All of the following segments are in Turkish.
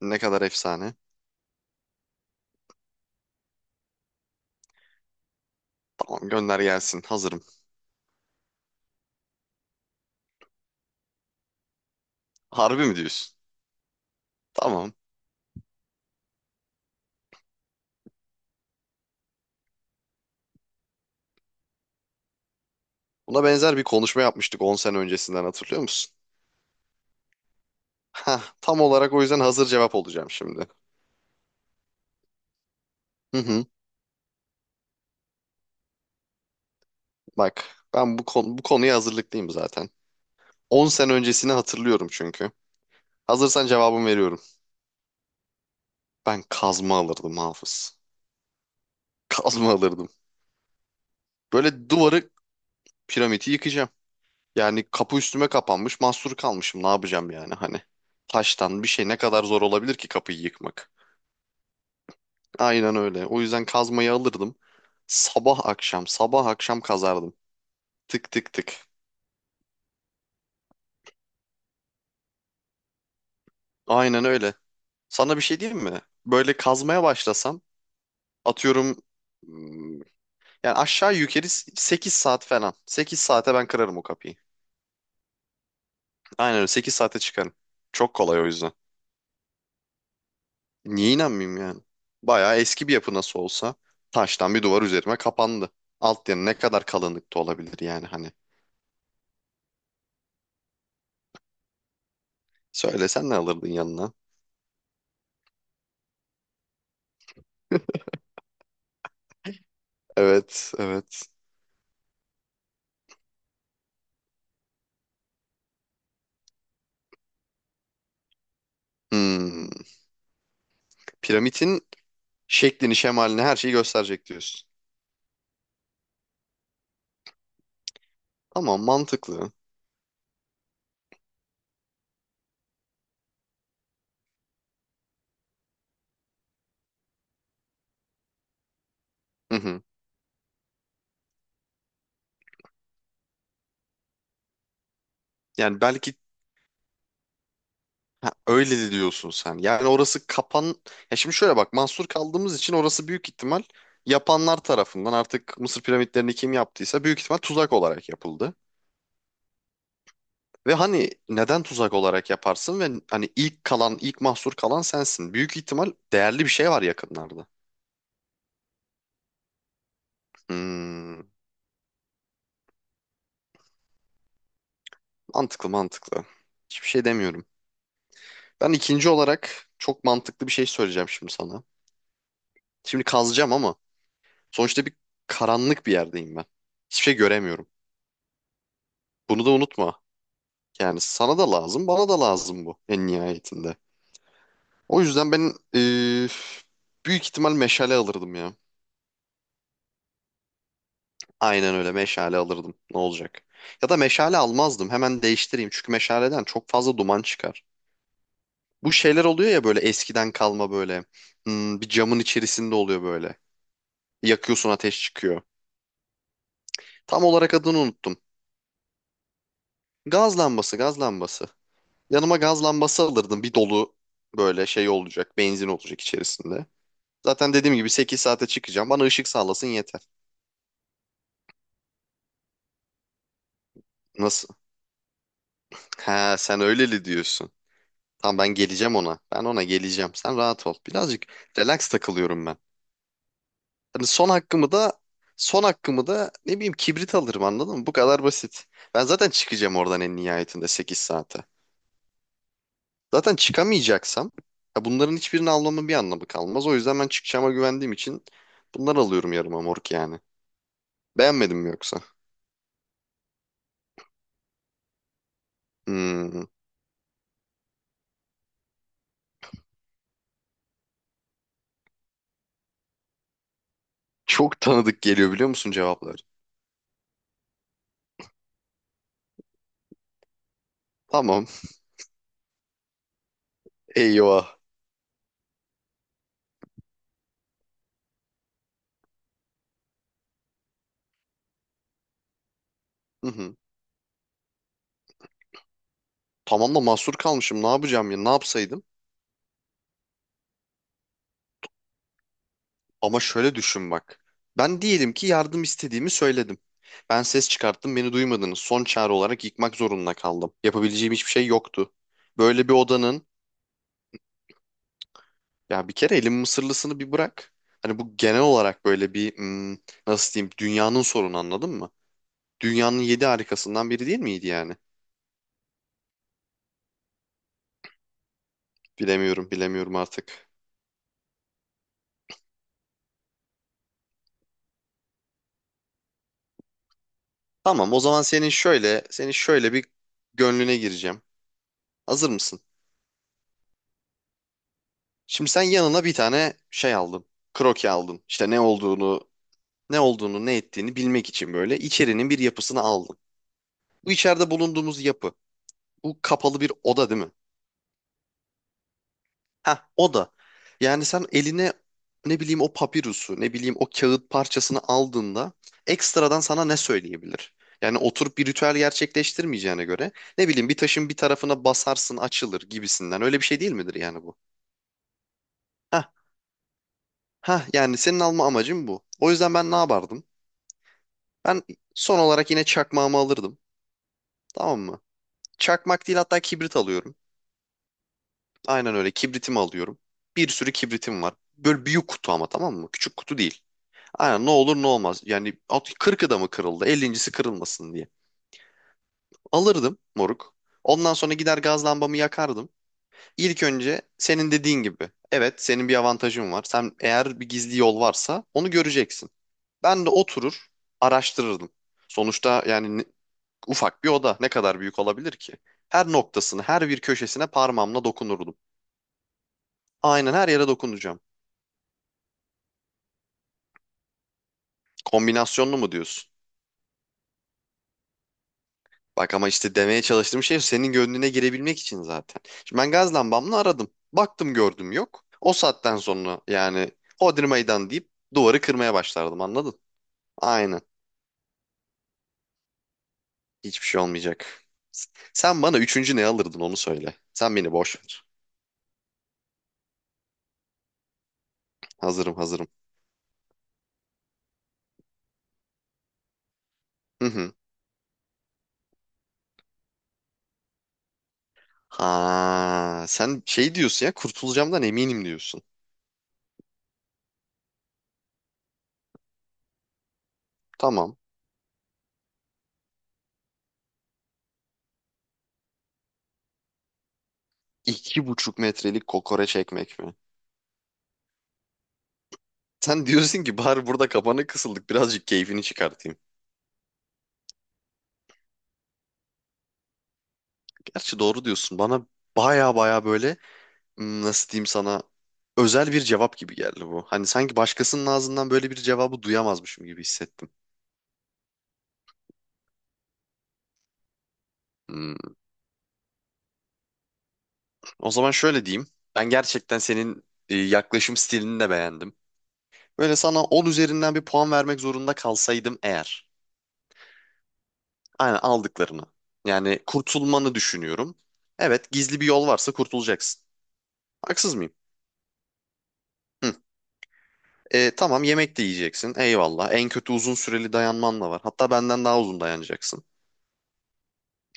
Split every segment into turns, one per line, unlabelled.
Ne kadar efsane. Tamam, gönder gelsin. Hazırım. Harbi mi diyorsun? Tamam. Buna benzer bir konuşma yapmıştık 10 sene öncesinden, hatırlıyor musun? Hah, tam olarak o yüzden hazır cevap olacağım şimdi. Hı hı. Bak, ben bu konuya hazırlıklıyım zaten. 10 sene öncesini hatırlıyorum çünkü. Hazırsan cevabımı veriyorum. Ben kazma alırdım Hafız. Kazma alırdım. Böyle piramidi yıkacağım. Yani kapı üstüme kapanmış, mahsur kalmışım, ne yapacağım yani hani. Taştan bir şey ne kadar zor olabilir ki kapıyı yıkmak? Aynen öyle. O yüzden kazmayı alırdım. Sabah akşam, sabah akşam kazardım. Tık tık tık. Aynen öyle. Sana bir şey diyeyim mi? Böyle kazmaya başlasam, atıyorum, hmm, yani aşağı yukarı 8 saat falan. 8 saate ben kırarım o kapıyı. Aynen öyle, 8 saate çıkarım. Çok kolay o yüzden. Niye inanmayayım yani? Bayağı eski bir yapı nasıl olsa, taştan bir duvar üzerime kapandı. Alt yanı ne kadar kalınlıkta olabilir yani hani. Söylesen ne alırdın yanına? Evet, evet. Hmm. Piramidin şeklini, şemalini, her şeyi gösterecek diyorsun. Ama mantıklı. Hı hı. Yani belki öyle de diyorsun sen. Yani orası kapan... Ya şimdi şöyle bak, mahsur kaldığımız için orası büyük ihtimal yapanlar tarafından, artık Mısır piramitlerini kim yaptıysa, büyük ihtimal tuzak olarak yapıldı. Ve hani neden tuzak olarak yaparsın ve hani ilk mahsur kalan sensin. Büyük ihtimal değerli bir şey var yakınlarda. Hmm, mantıklı mantıklı. Hiçbir şey demiyorum. Ben ikinci olarak çok mantıklı bir şey söyleyeceğim şimdi sana. Şimdi kazacağım ama sonuçta karanlık bir yerdeyim ben. Hiçbir şey göremiyorum. Bunu da unutma. Yani sana da lazım, bana da lazım bu en nihayetinde. O yüzden ben büyük ihtimal meşale alırdım ya. Aynen öyle, meşale alırdım. Ne olacak? Ya da meşale almazdım. Hemen değiştireyim. Çünkü meşaleden çok fazla duman çıkar. Bu şeyler oluyor ya, böyle eskiden kalma böyle. Bir camın içerisinde oluyor böyle. Yakıyorsun, ateş çıkıyor. Tam olarak adını unuttum. Gaz lambası, gaz lambası. Yanıma gaz lambası alırdım. Bir dolu böyle şey olacak. Benzin olacak içerisinde. Zaten dediğim gibi 8 saate çıkacağım. Bana ışık sağlasın yeter. Nasıl? Ha, sen öyleli diyorsun. Tamam, ben geleceğim ona. Ben ona geleceğim. Sen rahat ol. Birazcık relax takılıyorum ben. Hani son hakkımı da ne bileyim kibrit alırım, anladın mı? Bu kadar basit. Ben zaten çıkacağım oradan en nihayetinde 8 saate. Zaten çıkamayacaksam ya, bunların hiçbirini almamın bir anlamı kalmaz. O yüzden ben çıkacağıma güvendiğim için bunları alıyorum, yarıma mork yani. Beğenmedin mi yoksa? Hmm. Çok tanıdık geliyor biliyor musun cevaplar? Tamam. Eyvah. Hı hı. Tamam da mahsur kalmışım. Ne yapacağım ya? Ne yapsaydım? Ama şöyle düşün bak. Ben diyelim ki yardım istediğimi söyledim. Ben ses çıkarttım, beni duymadınız. Son çare olarak yıkmak zorunda kaldım. Yapabileceğim hiçbir şey yoktu. Böyle bir odanın, ya bir kere elin mısırlısını bir bırak. Hani bu genel olarak böyle bir, nasıl diyeyim, dünyanın sorunu, anladın mı? Dünyanın yedi harikasından biri değil miydi yani? Bilemiyorum, bilemiyorum artık. Tamam, o zaman senin şöyle bir gönlüne gireceğim. Hazır mısın? Şimdi sen yanına bir tane şey aldın. Kroki aldın. İşte ne olduğunu ne ettiğini bilmek için böyle içerinin bir yapısını aldın. Bu içeride bulunduğumuz yapı. Bu kapalı bir oda, değil mi? Ha, o da. Yani sen eline, ne bileyim, o papirusu, ne bileyim, o kağıt parçasını aldığında, ekstradan sana ne söyleyebilir? Yani oturup bir ritüel gerçekleştirmeyeceğine göre, ne bileyim, bir taşın bir tarafına basarsın açılır gibisinden, öyle bir şey değil midir yani bu? Ha, ha, yani senin alma amacın bu. O yüzden ben ne yapardım? Ben son olarak yine çakmağımı alırdım. Tamam mı? Çakmak değil, hatta kibrit alıyorum. Aynen öyle, kibritimi alıyorum. Bir sürü kibritim var. Böyle büyük kutu ama, tamam mı? Küçük kutu değil. Aynen, ne olur ne olmaz. Yani at 40'ı da mı kırıldı? 50.si kırılmasın diye. Alırdım moruk. Ondan sonra gider gaz lambamı yakardım. İlk önce senin dediğin gibi. Evet, senin bir avantajın var. Sen, eğer bir gizli yol varsa, onu göreceksin. Ben de oturur araştırırdım. Sonuçta yani ufak bir oda ne kadar büyük olabilir ki? Her noktasını, her bir köşesine parmağımla dokunurdum. Aynen, her yere dokunacağım. Kombinasyonlu mu diyorsun? Bak, ama işte demeye çalıştığım şey senin gönlüne girebilmek için zaten. Şimdi ben gaz lambamla aradım. Baktım, gördüm, yok. O saatten sonra yani, Hodri meydan deyip duvarı kırmaya başlardım, anladın? Aynen. Hiçbir şey olmayacak. Sen bana üçüncü ne alırdın, onu söyle. Sen beni boş ver. Hazırım, hazırım. Hı hı. Ha, sen şey diyorsun ya, kurtulacağımdan eminim diyorsun. Tamam. 2,5 metrelik kokoreç ekmek mi? Sen diyorsun ki bari burada kapana kısıldık, birazcık keyfini çıkartayım. Gerçi doğru diyorsun. Bana baya baya böyle, nasıl diyeyim, sana özel bir cevap gibi geldi bu. Hani sanki başkasının ağzından böyle bir cevabı duyamazmışım gibi hissettim. Hmm, O zaman şöyle diyeyim. Ben gerçekten senin yaklaşım stilini de beğendim. Böyle sana 10 üzerinden bir puan vermek zorunda kalsaydım eğer. Aynen, aldıklarını. Yani kurtulmanı düşünüyorum. Evet, gizli bir yol varsa kurtulacaksın. Haksız mıyım? Hı. E, tamam, yemek de yiyeceksin. Eyvallah. En kötü uzun süreli dayanman da var. Hatta benden daha uzun dayanacaksın.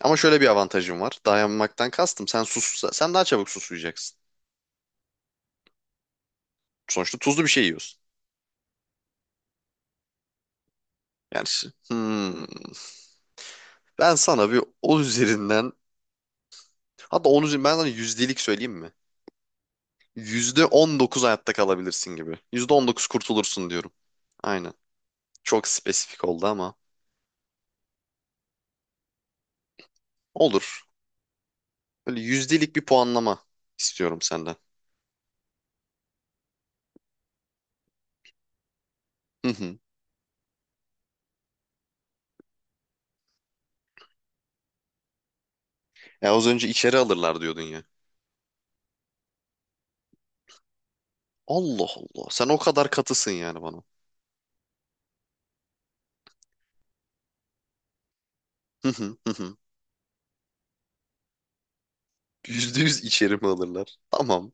Ama şöyle bir avantajım var. Dayanmaktan kastım. Sen daha çabuk susuyacaksın. Sonuçta tuzlu bir şey yiyorsun. Yani ben sana bir 10 üzerinden, hatta 10 üzerinden ben sana yüzdelik söyleyeyim mi? %19 hayatta kalabilirsin gibi. %19 kurtulursun diyorum. Aynen. Çok spesifik oldu ama, olur. Böyle yüzdelik bir puanlama istiyorum senden. Hı hı. Ya, az önce içeri alırlar diyordun ya. Allah Allah. Sen o kadar katısın yani bana. Hı hı hı hı. %100 içeri mi alırlar? Tamam.